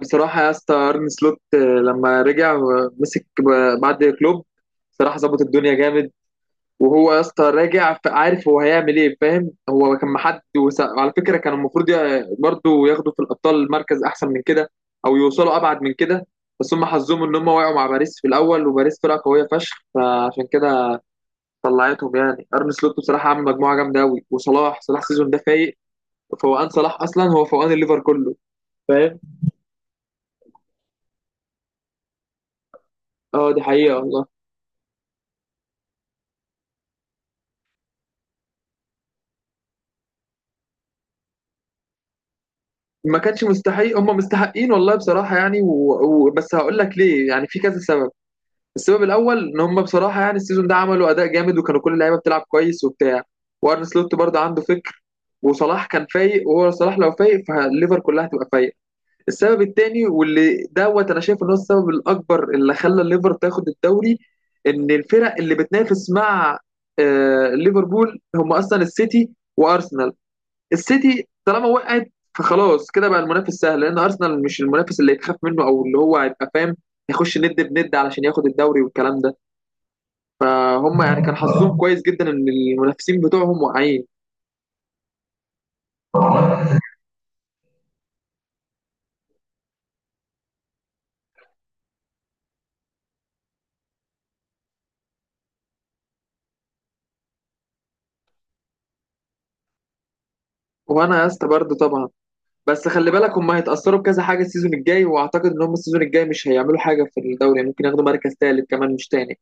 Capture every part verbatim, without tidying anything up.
بصراحة يا اسطى أرن سلوت آه، لما رجع ومسك ب- بعد كلوب. بصراحة ظبط الدنيا جامد. وهو يا اسطى راجع ف- عارف هو هيعمل ايه، فاهم؟ هو كان محد وس- وعلى فكرة كان المفروض ي- برضه ياخدوا في الأبطال مركز أحسن من كده، أو يوصلوا أبعد من كده. بس هم حظهم إن هم وقعوا مع باريس في الأول، وباريس فرقة قوية فشخ، فعشان كده طلعتهم. يعني أرن سلوت بصراحة عامل مجموعة جامدة أوي، وصلاح، صلاح السيزون ده فايق. فوقان صلاح أصلا هو فوقان الليفر كله، فاهم؟ اه دي حقيقة والله. ما كانش مستحيل هم مستحقين والله، بصراحة يعني، و... و... بس هقول لك ليه، يعني في كذا سبب. السبب الأول إن هم بصراحة يعني السيزون ده عملوا أداء جامد، وكانوا كل اللعيبة بتلعب كويس وبتاع، وأرن سلوت برضه عنده فكر، وصلاح كان فايق، وهو صلاح لو فايق فالليفر كلها هتبقى فايقة. السبب التاني واللي دوت أنا شايف إن هو السبب الأكبر اللي خلى الليفر تاخد الدوري، إن الفرق اللي بتنافس مع آه ليفربول هم أصلا السيتي وأرسنال. السيتي طالما وقعت فخلاص كده بقى المنافس سهل، لان ارسنال مش المنافس اللي يتخاف منه، او اللي هو هيبقى فاهم يخش ند بند علشان ياخد الدوري والكلام ده. فهم يعني كان حظهم اه كويس جدا ان المنافسين بتوعهم واقعين. وانا يا اسطى برضه طبعا. بس خلي بالك هم هيتاثروا بكذا حاجه السيزون الجاي، واعتقد ان هم السيزون الجاي مش هيعملوا حاجه في الدوري، يعني ممكن ياخدوا مركز ثالث كمان مش تاني.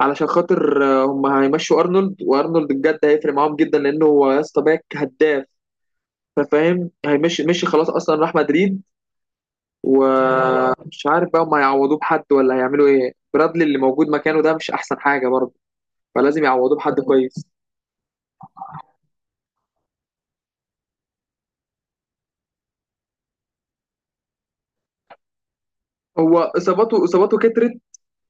علشان خاطر آه، هم هيمشوا ارنولد، وارنولد بجد هيفرق معاهم جدا، لانه هو يا اسطى باك هداف، فاهم؟ هيمشي مشي خلاص اصلا راح مدريد. ومش عارف بقى هم هيعوضوه بحد ولا هيعملوا ايه، برادلي اللي موجود مكانه ده مش احسن حاجه برضه، فلازم يعوضوه بحد كويس. هو اصاباته اصاباته كترت،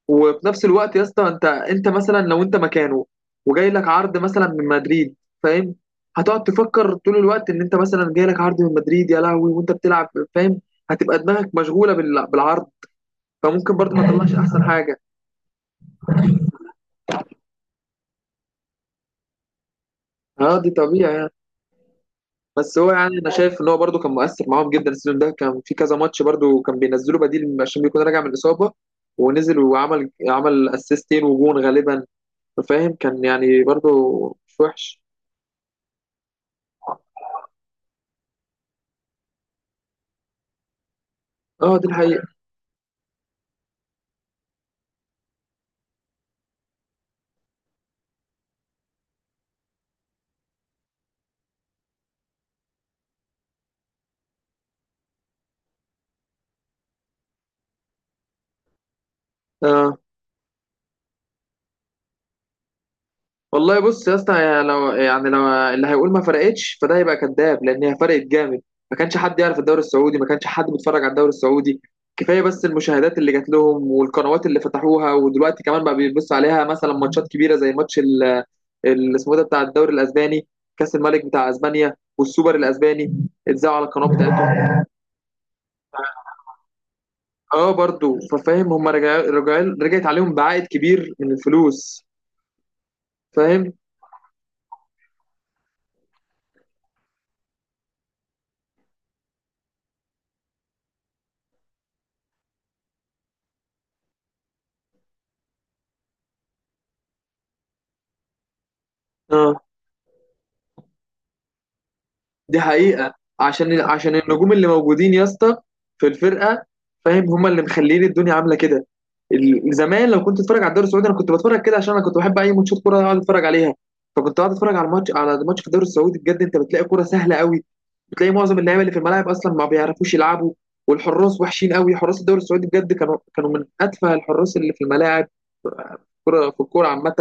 وفي نفس الوقت يا اسطى انت، انت مثلا لو انت مكانه وجاي لك عرض مثلا من مدريد، فاهم؟ هتقعد تفكر طول الوقت ان انت مثلا جاي لك عرض من مدريد يا لهوي وانت بتلعب، فاهم؟ هتبقى دماغك مشغوله بال- بالعرض، فممكن برضه ما تطلعش احسن حاجه. اه دي طبيعي. بس هو يعني انا شايف ان هو برده كان مؤثر معاهم جدا، السيزون ده كان في كذا ماتش برده كان بينزله بديل عشان بيكون راجع من الاصابه، ونزل وعمل عمل اسيستين وجون غالبا، فاهم؟ كان يعني برده مش وحش. اه دي الحقيقه. آه. والله بص يا اسطى، يا لو يعني لو اللي هيقول ما فرقتش فده هيبقى كذاب، لان هي فرقت جامد. ما كانش حد يعرف الدوري السعودي، ما كانش حد بيتفرج على الدوري السعودي. كفايه بس المشاهدات اللي جات لهم والقنوات اللي فتحوها، ودلوقتي كمان بقى بيبص عليها مثلا ماتشات كبيره، زي ماتش اللي اسمه إيه ده بتاع الدوري الاسباني، كاس الملك بتاع اسبانيا والسوبر الاسباني اتذاعوا على القناه بتاعتهم. اه برضو ففاهم هم رجع رجع رجعت عليهم بعائد كبير من الفلوس، فاهم؟ اه دي حقيقة. عشان عشان النجوم اللي موجودين يا اسطى في الفرقة، فاهم؟ هما اللي مخلين الدنيا عاملة كده. ال- زمان لو كنت اتفرج على الدوري السعودي انا كنت بتفرج كده، عشان انا كنت بحب اي ماتشات كورة اقعد اتفرج عليها. فكنت قاعد اتفرج على الماتش، على الماتش في الدوري السعودي بجد انت بتلاقي كورة سهلة قوي. بتلاقي معظم اللعيبه اللي في الملاعب اصلا ما بيعرفوش يلعبوا، والحراس وحشين قوي. حراس الدوري السعودي بجد كانوا كانوا من اتفه الحراس اللي في الملاعب، في الكوره، في الكوره عامه.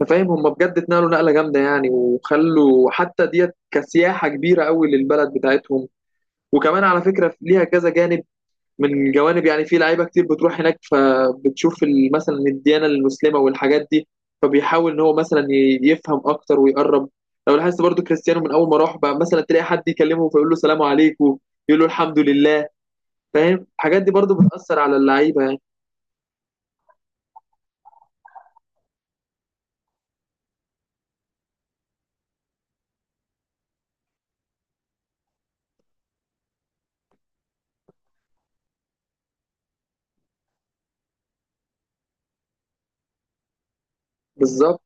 انت فاهم هم بجد اتنقلوا نقله جامده يعني، وخلوا حتى ديت كسياحه كبيره قوي للبلد بتاعتهم. وكمان على فكره ليها كذا جانب من جوانب، يعني في لعيبه كتير بتروح هناك فبتشوف ال- مثلا الديانه المسلمه والحاجات دي، فبيحاول ان هو مثلا ي- يفهم اكتر ويقرب. لو لاحظت برضو كريستيانو من اول ما راح بقى مثلا تلاقي حد يكلمه فيقول له سلام عليكم، يقول له الحمد لله، فاهم؟ الحاجات دي برضو بتاثر على اللعيبه يعني. بالظبط.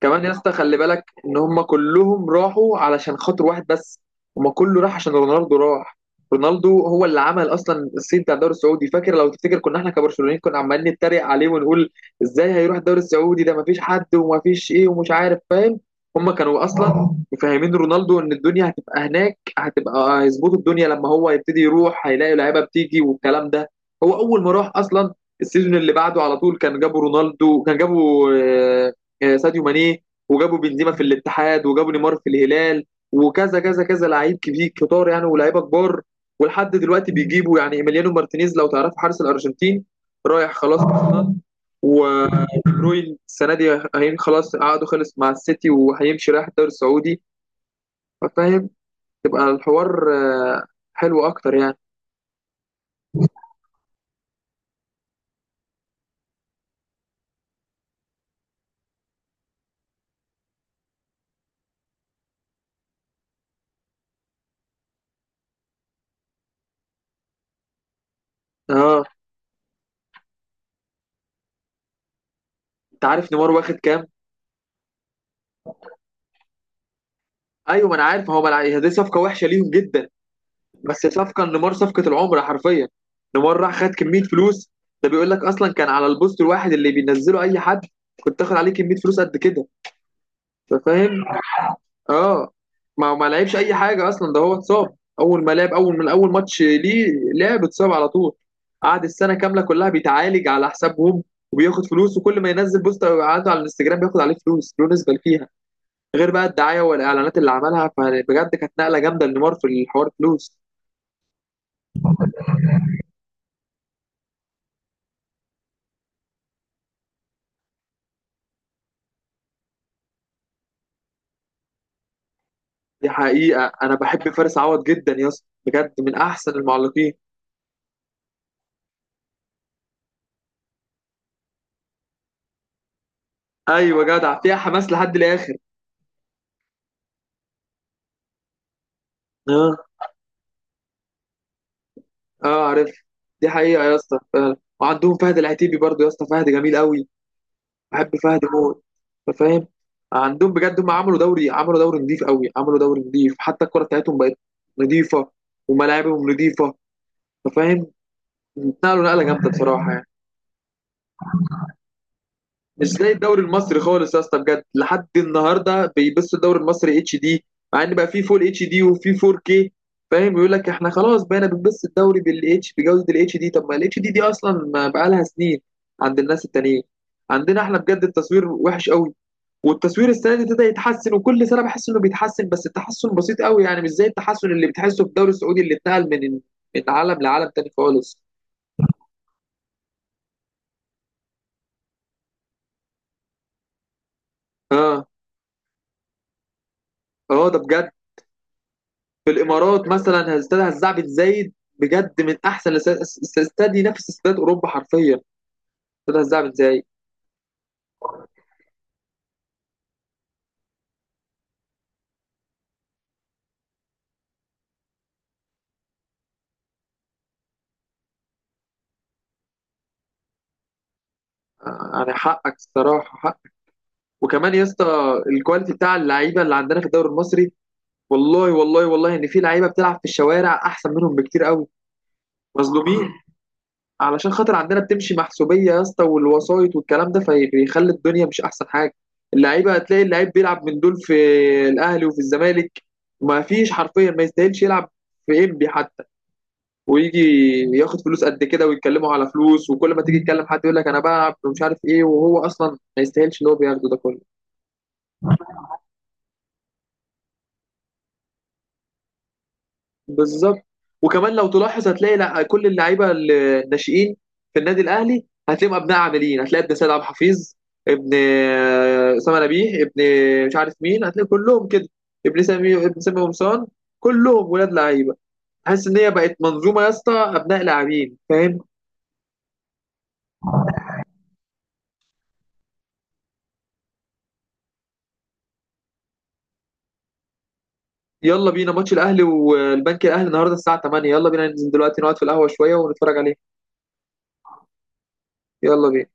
كمان يا اسطى خلي بالك ان هم كلهم راحوا علشان خاطر واحد بس، هم كله راح عشان رونالدو راح. رونالدو هو اللي عمل اصلا الصيت بتاع الدوري السعودي. فاكر لو تفتكر كنا احنا كبرشلونيين كنا عمالين نتريق عليه ونقول ازاي هيروح الدوري السعودي ده، مفيش حد، ومفيش ايه، ومش عارف، فاهم؟ هم كانوا اصلا مفهمين رونالدو ان الدنيا هتبقى هناك، هتبقى هيظبطوا الدنيا لما هو يبتدي يروح هيلاقي لعيبه بتيجي والكلام ده. هو اول ما راح اصلا، السيزون اللي بعده على طول كان جابوا رونالدو، كان جابوا آه، آه، ساديو ماني، وجابوا بنزيما في الاتحاد، وجابوا نيمار في الهلال، وكذا كذا كذا لعيب كبير كتار يعني ولاعيبه كبار. ولحد دلوقتي بيجيبوا، يعني ايميليانو مارتينيز لو تعرفوا حارس الارجنتين، رايح خلاص اصلا. ودي بروين السنه دي، هين خلاص عقده خلص مع السيتي وهيمشي رايح الدوري السعودي، فاهم؟ تبقى الحوار آه، حلو اكتر يعني. اه انت عارف نيمار واخد كام؟ ايوه ما انا عارف، هو ملع... دي صفقه وحشه ليهم جدا، بس صفقه نيمار صفقه العمر حرفيا. نيمار راح خد كميه فلوس، ده بيقول لك اصلا كان على البوست الواحد اللي بينزله اي حد كنت تاخد عليه كميه فلوس قد كده، انت فاهم؟ اه. ما ما لعبش اي حاجه اصلا، ده هو اتصاب اول ما لعب، اول من اول ماتش ليه لعب اتصاب على طول، قعد السنه كامله كلها بيتعالج على حسابهم، وبياخد فلوس، وكل ما ينزل بوست عنده على الانستجرام بياخد عليه فلوس، له نسبه فيها، غير بقى الدعايه والاعلانات اللي عملها. فبجد كانت نقله جامده لنيمار في الحوار فلوس. دي حقيقة، أنا بحب فارس عوض جدا يا اسطى، بجد من أحسن المعلقين. أيوة جدع، فيها حماس لحد الآخر. أه، أه عارف. دي حقيقة يا اسطى فعلا. وعندهم فهد العتيبي برضو يا اسطى، فهد جميل قوي، بحب فهد موت، أنت فاهم؟ عندهم بجد هم عملوا دوري، عملوا دوري نضيف قوي عملوا دوري نضيف، حتى الكرة بتاعتهم بقت نضيفة، وملاعبهم نضيفة. أنت فاهم؟ نقلوا نقلة جامدة بصراحة يعني. مش زي الدوري المصري خالص يا اسطى بجد، لحد النهارده بيبصوا الدوري المصري اتش دي، مع ان بقى فيه فول اتش دي وفيه فور كي، فاهم؟ يقول لك احنا خلاص بقينا بنبص الدوري بالاتش بجوده الاتش دي، طب ما الاتش دي دي اصلا ما بقى لها سنين عند الناس التانيين. عندنا احنا بجد التصوير وحش قوي، والتصوير السنه دي ابتدى يتحسن، وكل سنه بحس انه بيتحسن، بس التحسن بسيط قوي يعني، مش زي التحسن اللي بتحسه في الدوري السعودي اللي اتنقل من من عالم لعالم تاني خالص. اه. اه ده بجد. في الامارات مثلا استاد هزاع بن زايد، بجد من احسن الاستاد، استاد ينافس استاد اوروبا حرفيا، استاد هزاع بن زايد. آه، يعني حقك، الصراحه حق. وكمان يا اسطى الكواليتي بتاع اللعيبه اللي عندنا في الدوري المصري، والله والله والله ان في لعيبه بتلعب في الشوارع احسن منهم بكتير قوي. مظلومين. علشان خاطر عندنا بتمشي محسوبيه يا اسطى والوسايط والكلام ده، فبيخلي الدنيا مش احسن حاجه. اللعيبه هتلاقي اللعيب بيلعب من دول في الاهلي وفي الزمالك، ما فيش حرفيا ما يستاهلش يلعب في انبي حتى، ويجي ياخد فلوس قد كده، ويتكلموا على فلوس، وكل ما تيجي تكلم حد يقول لك انا بلعب ومش عارف ايه، وهو اصلا ما يستاهلش اللي هو بياخده ده كله. بالظبط. وكمان لو تلاحظ هتلاقي لا كل اللعيبه الناشئين في النادي الاهلي هتلاقيهم ابناء، عاملين هتلاقي ابن سيد عبد الحفيظ، ابن آه، اسامه نبيه، ابن مش عارف مين، هتلاقي كلهم كده، ابن سامي ابن سامي قمصان، كلهم ولاد لعيبه. حاسس ان هي بقت منظومه يا اسطى، ابناء لاعبين، فاهم؟ يلا بينا ماتش الاهلي والبنك الاهلي النهارده الساعه تمانية، يلا بينا ننزل دلوقتي نقعد في القهوه شويه ونتفرج عليه. يلا بينا.